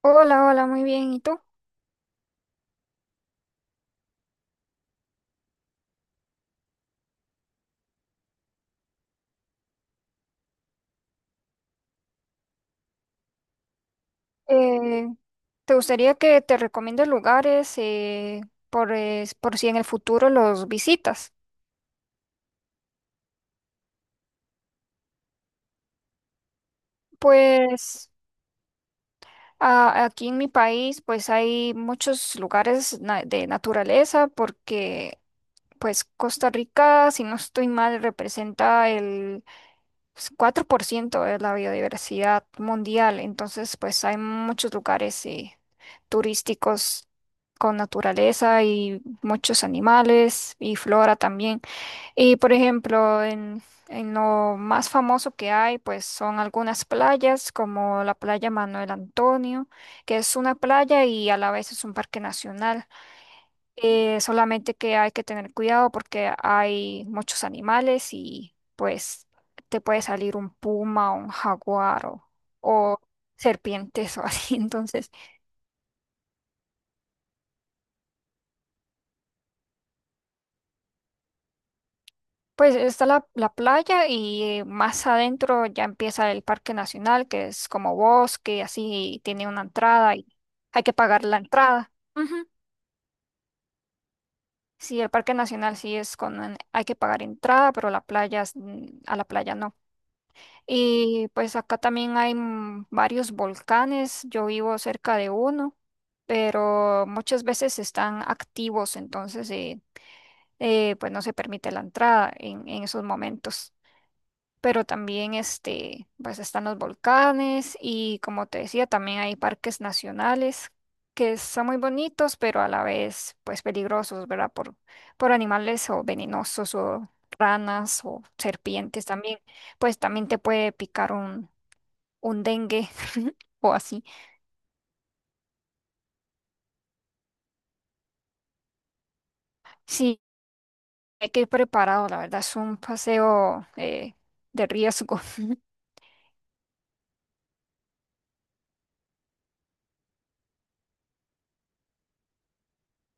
Hola, hola, muy bien. ¿Y tú? Eh, ¿Te gustaría que te recomiende lugares por, por si en el futuro los visitas? Pues aquí en mi país pues hay muchos lugares de naturaleza porque pues Costa Rica, si no estoy mal, representa pues, 4% es la biodiversidad mundial, entonces pues hay muchos lugares turísticos con naturaleza y muchos animales y flora también. Y por ejemplo, en lo más famoso que hay, pues son algunas playas como la playa Manuel Antonio, que es una playa y a la vez es un parque nacional. Solamente que hay que tener cuidado porque hay muchos animales y pues te puede salir un puma o un jaguar o serpientes o así. Entonces, pues está la playa y más adentro ya empieza el Parque Nacional, que es como bosque, así tiene una entrada y hay que pagar la entrada. Ujú. Sí, el Parque Nacional sí es con, hay que pagar entrada, pero la playa, a la playa no. Y pues acá también hay varios volcanes, yo vivo cerca de uno, pero muchas veces están activos, entonces pues no se permite la entrada en esos momentos. Pero también este, pues están los volcanes y como te decía, también hay parques nacionales que son muy bonitos, pero a la vez pues peligrosos, ¿verdad? Por animales o venenosos o ranas o serpientes también pues también te puede picar un dengue o así. Sí, hay que ir preparado, la verdad, es un paseo de riesgo.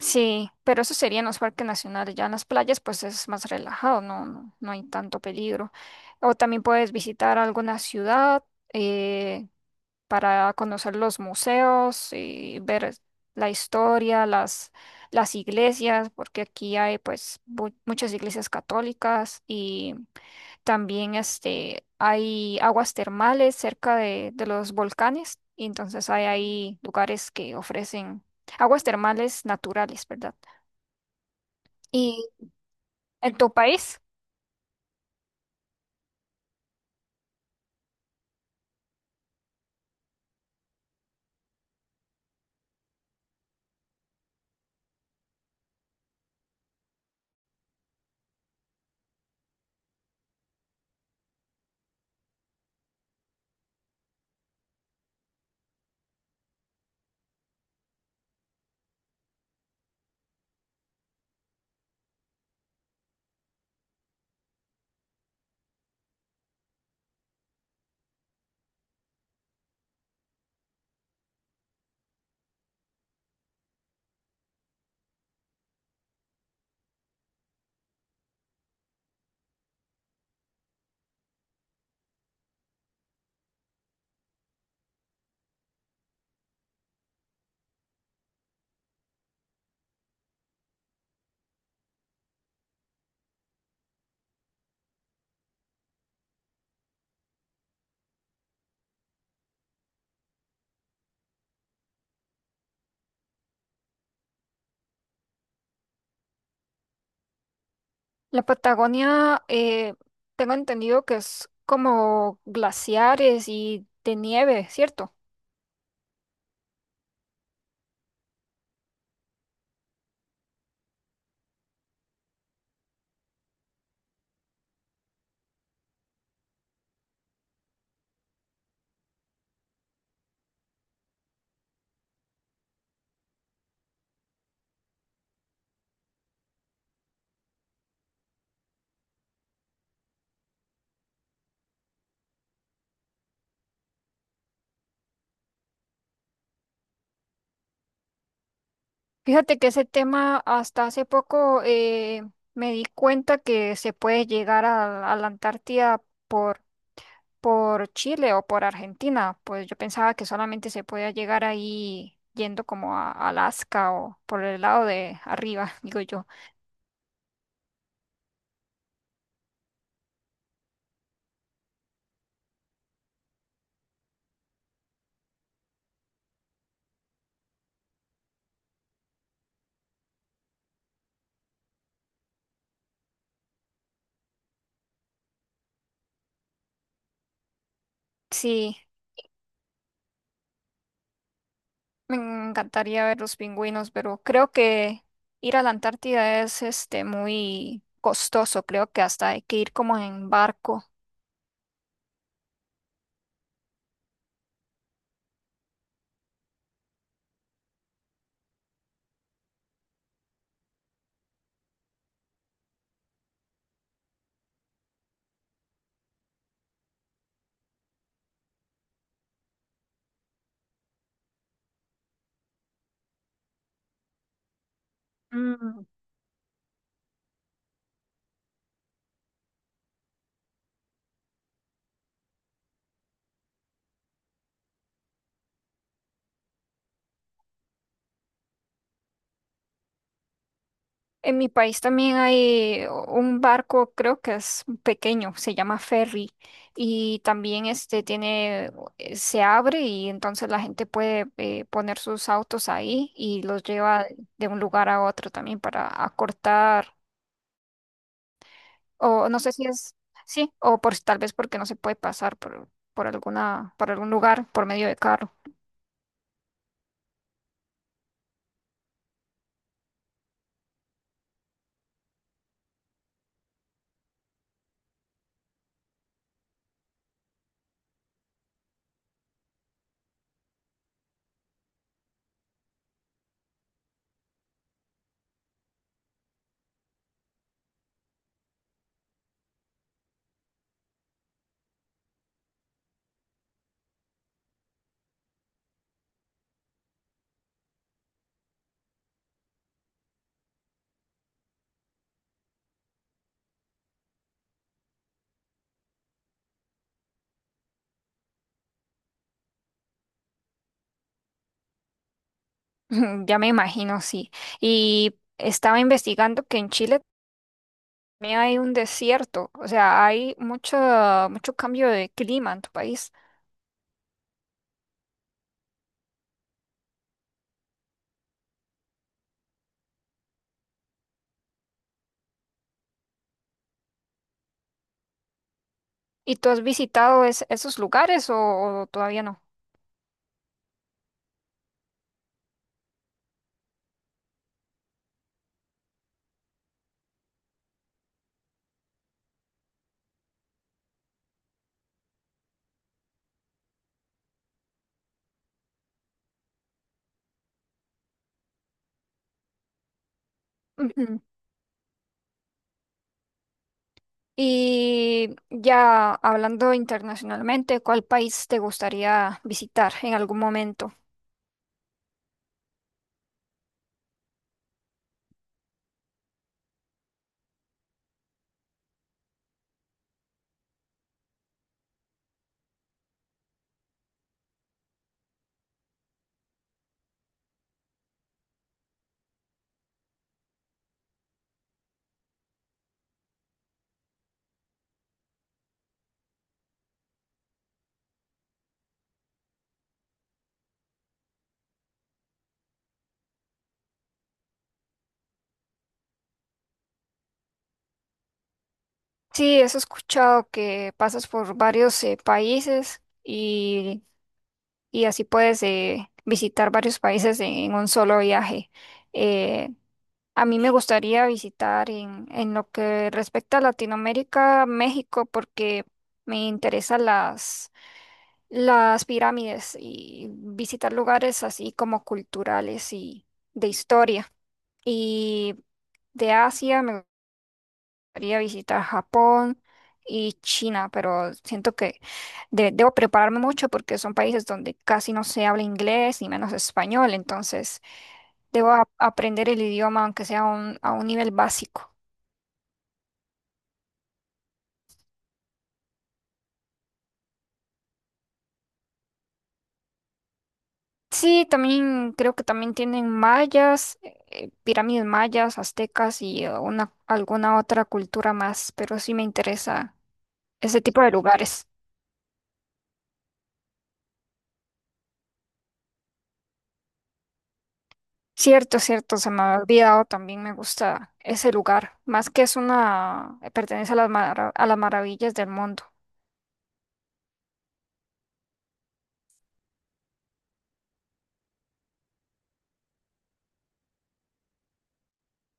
Sí, pero eso sería en los parques nacionales, ya en las playas pues es más relajado, no, no, no hay tanto peligro. O también puedes visitar alguna ciudad eh, para conocer los museos y ver la historia, las iglesias, porque aquí hay pues muchas iglesias católicas y también este, hay aguas termales cerca de los volcanes, y entonces hay ahí lugares que ofrecen aguas termales naturales, ¿verdad? Y en tu país, la Patagonia, tengo entendido que es como glaciares y de nieve, ¿cierto? Fíjate que ese tema hasta hace poco me di cuenta que se puede llegar a la Antártida por Chile o por Argentina. Pues yo pensaba que solamente se podía llegar ahí yendo como a Alaska o por el lado de arriba, digo yo. Sí, me encantaría ver los pingüinos, pero creo que ir a la Antártida es este muy costoso. Creo que hasta hay que ir como en barco. Mm. En mi país también hay un barco, creo que es pequeño, se llama ferry y también este tiene, se abre y entonces la gente puede poner sus autos ahí y los lleva de un lugar a otro también para acortar o no sé si es, sí, o por si tal vez porque no se puede pasar por alguna, por algún lugar por medio de carro. Ya me imagino, sí. Y estaba investigando que en Chile mí hay un desierto, o sea, hay mucho, mucho cambio de clima en tu país. ¿Y tú has visitado esos lugares o todavía no? Ujú. Y ya hablando internacionalmente, ¿cuál país te gustaría visitar en algún momento? Sí, eso he escuchado que pasas por varios países y así puedes visitar varios países en, un solo viaje. Eh, A mí me gustaría visitar en lo que respecta a Latinoamérica, México, porque me interesan las pirámides y visitar lugares así como culturales y de historia. Y de Asia me gustaría visitar Japón y China, pero siento que debo prepararme mucho porque son países donde casi no se habla inglés ni menos español, entonces debo aprender el idioma aunque sea a un nivel básico. Sí, también creo que también tienen mayas, pirámides mayas, aztecas y una, alguna otra cultura más, pero sí me interesa ese tipo de lugares. Cierto, cierto, se me ha olvidado, también me gusta ese lugar, más que es una, pertenece a las, a las maravillas del mundo.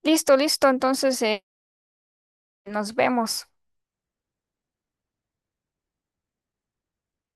Listo, listo, entonces nos vemos.